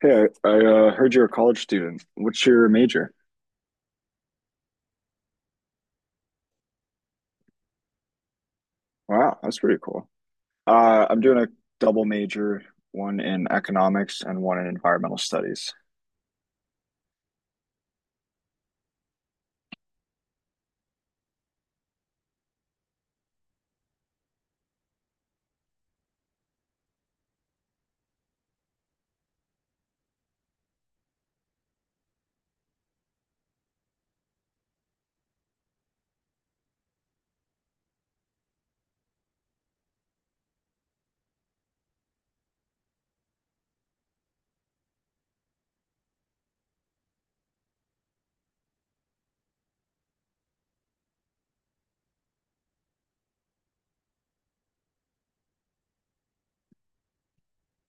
Hey, I heard you're a college student. What's your major? Wow, that's pretty cool. I'm doing a double major, one in economics and one in environmental studies.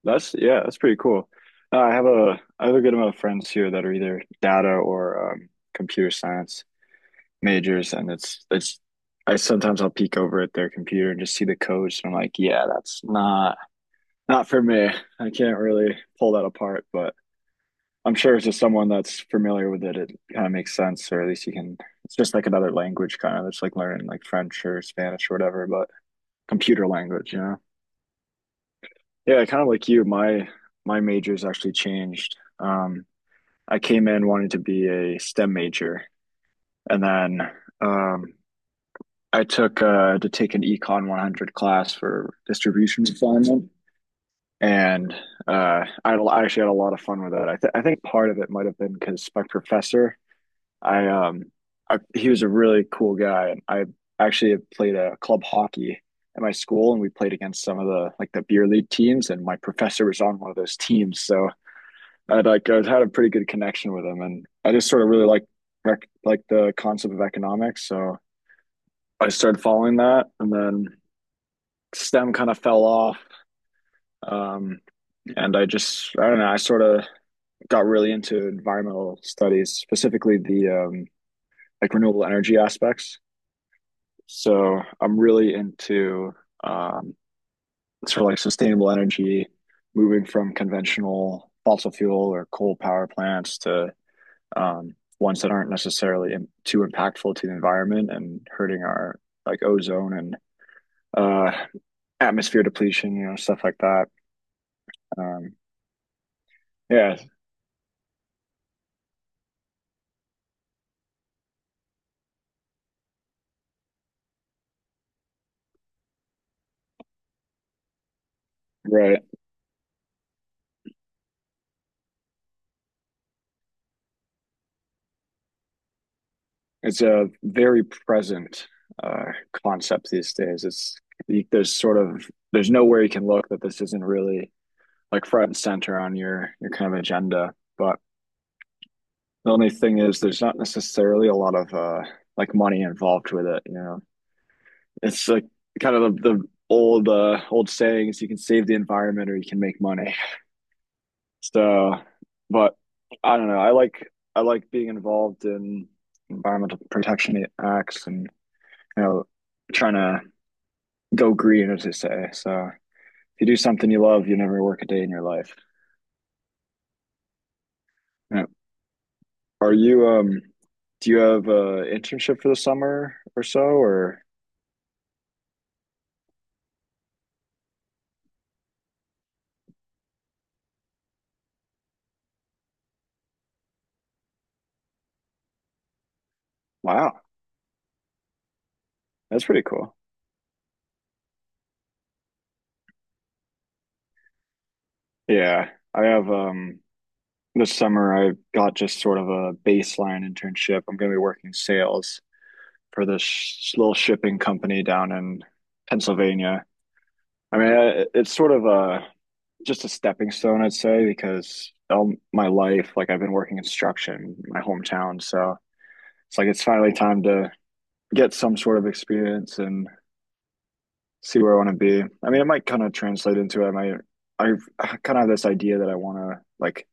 That's Yeah, that's pretty cool. I have a good amount of friends here that are either data or computer science majors, and it's I sometimes I'll peek over at their computer and just see the codes, and I'm like, yeah, that's not for me. I can't really pull that apart, but I'm sure it's just someone that's familiar with it. It kind of makes sense, or at least you can. It's just like another language, kind of. It's like learning like French or Spanish or whatever, but computer language, you know? Yeah, kind of like you. My major's actually changed. I came in wanting to be a STEM major, and then um, I took to take an Econ 100 class for distribution assignment, and I actually had a lot of fun with that. I think part of it might have been because my professor. I um he was a really cool guy, and I actually had played a club hockey at my school, and we played against some of the like the beer league teams, and my professor was on one of those teams, so I had a pretty good connection with him, and I just sort of really like like the concept of economics, so I started following that, and then STEM kind of fell off. Um, and I just, I don't know, I sort of got really into environmental studies, specifically the like renewable energy aspects. So I'm really into um, sort of like sustainable energy, moving from conventional fossil fuel or coal power plants to ones that aren't necessarily too impactful to the environment and hurting our like ozone and uh, atmosphere depletion, stuff like that. Um, yeah, right. It's a very present uh, concept these days. There's sort of there's nowhere you can look that this isn't really like front and center on your kind of agenda. But the only thing is, there's not necessarily a lot of like money involved with it. It's like kind of the old sayings: you can save the environment or you can make money. So, but I don't know. I like being involved in environmental protection acts and you know trying to go green, as they say. So if you do something you love, you never work a day in your life. Yeah. Are you do you have a internship for the summer or so or Wow, that's pretty cool. Yeah, I have this summer I got just sort of a baseline internship. I'm going to be working sales for this sh little shipping company down in Pennsylvania. I mean, it's sort of a just a stepping stone, I'd say, because all my life, like I've been working construction in my hometown, so it's finally time to get some sort of experience and see where I want to be. I mean, it might kind of translate into it. I kind of have this idea that I want to like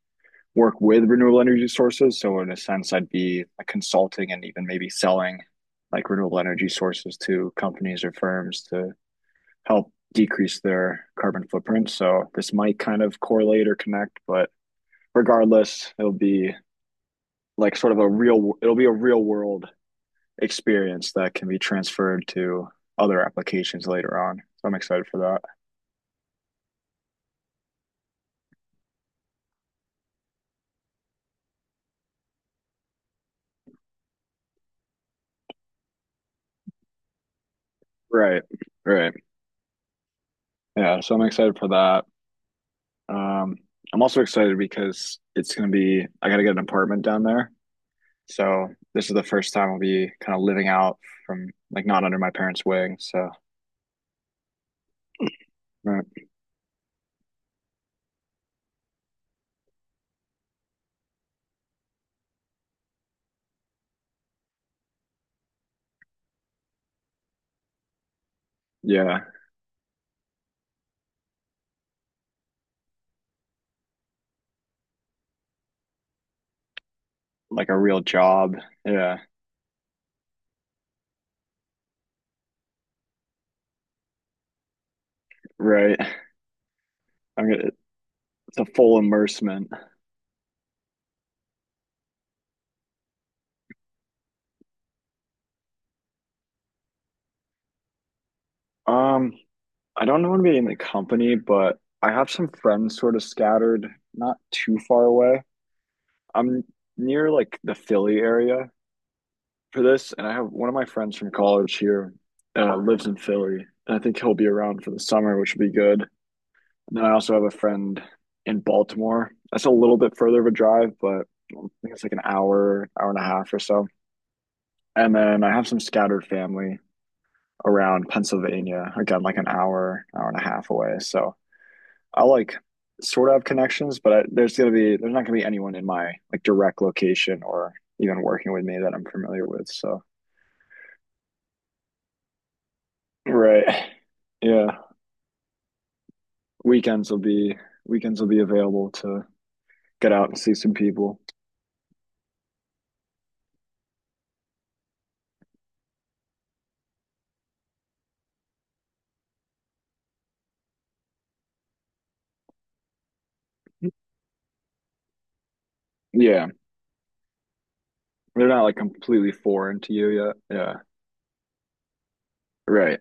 work with renewable energy sources. So in a sense, I'd be like consulting and even maybe selling like renewable energy sources to companies or firms to help decrease their carbon footprint. So this might kind of correlate or connect, but regardless, it'll be a real world experience that can be transferred to other applications later on. So I'm excited for that. Right, right. Yeah, so I'm excited for that. Um, I'm also excited because I gotta get an apartment down there. So this is the first time I'll be kind of living out from like not under my parents' wing. So, right. Yeah, like a real job. Yeah, right. I'm gonna, it's a full immersement. Um, I don't want to be in the company, but I have some friends sort of scattered, not too far away. I'm near like the Philly area, for this, and I have one of my friends from college here lives in Philly, and I think he'll be around for the summer, which would be good. And then I also have a friend in Baltimore. That's a little bit further of a drive, but I think it's like an hour, hour and a half or so. And then I have some scattered family around Pennsylvania, again, like an hour, hour and a half away. So I like sort of have connections, but I, there's gonna be there's not gonna be anyone in my like direct location or even working with me that I'm familiar with. So, right, yeah. Weekends will be Weekends will be available to get out and see some people. Yeah, they're not like completely foreign to you yet. Yeah, right.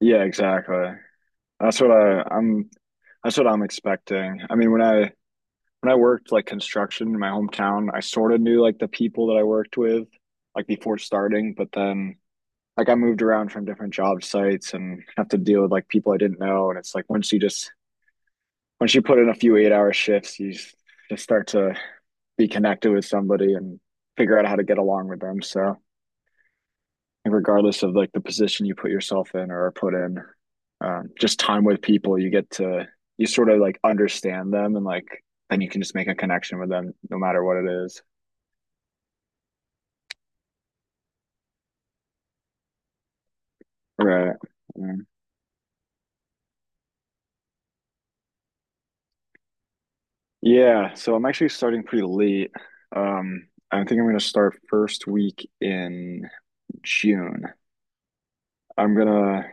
Yeah, exactly. That's what I, I'm. That's what I'm expecting. I mean, when I worked like construction in my hometown, I sort of knew like the people that I worked with, like before starting. But then, like, I moved around from different job sites and have to deal with like people I didn't know. And it's like once you put in a few 8-hour shifts, you just start to be connected with somebody and figure out how to get along with them. So regardless of like the position you put yourself in or put in, just time with people, you get to you sort of like understand them and like then you can just make a connection with them no matter what it is. Right. Mm. Yeah. So I'm actually starting pretty late. I think I'm gonna start first week in June. I'm gonna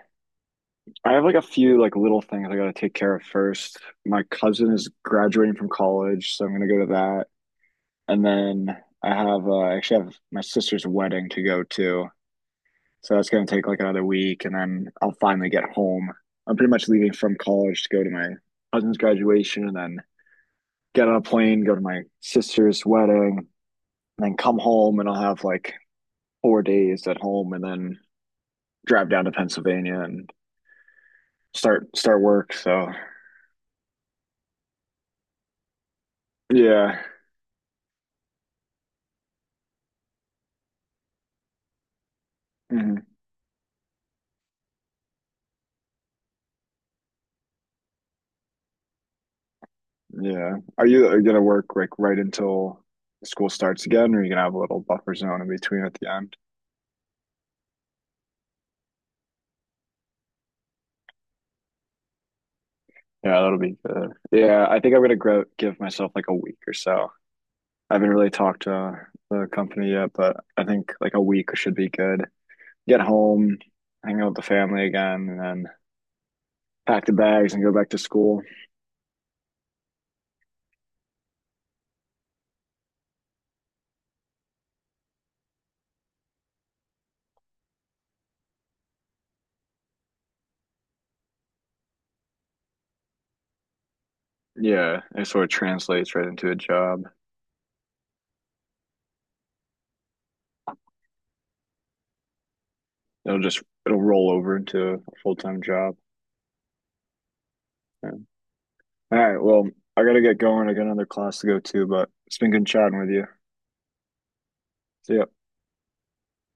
I have like a few like little things I gotta take care of first. My cousin is graduating from college, so I'm gonna go to that. And then I actually have my sister's wedding to go to. So that's gonna take like another week and then I'll finally get home. I'm pretty much leaving from college to go to my cousin's graduation and then get on a plane, go to my sister's wedding, and then come home and I'll have like 4 days at home and then drive down to Pennsylvania and start work. So yeah. Mhm. Yeah. Are you gonna work like right until school starts again, or are you gonna have a little buffer zone in between at the end? Yeah, that'll be good. Yeah, I think I'm gonna grow give myself like a week or so. I haven't really talked to the company yet, but I think like a week should be good. Get home, hang out with the family again, and then pack the bags and go back to school. Yeah, it sort of translates right into a job. It'll roll over into a full-time job. Yeah. All right, well, I gotta get going. I got another class to go to, but it's been good chatting with you. See ya.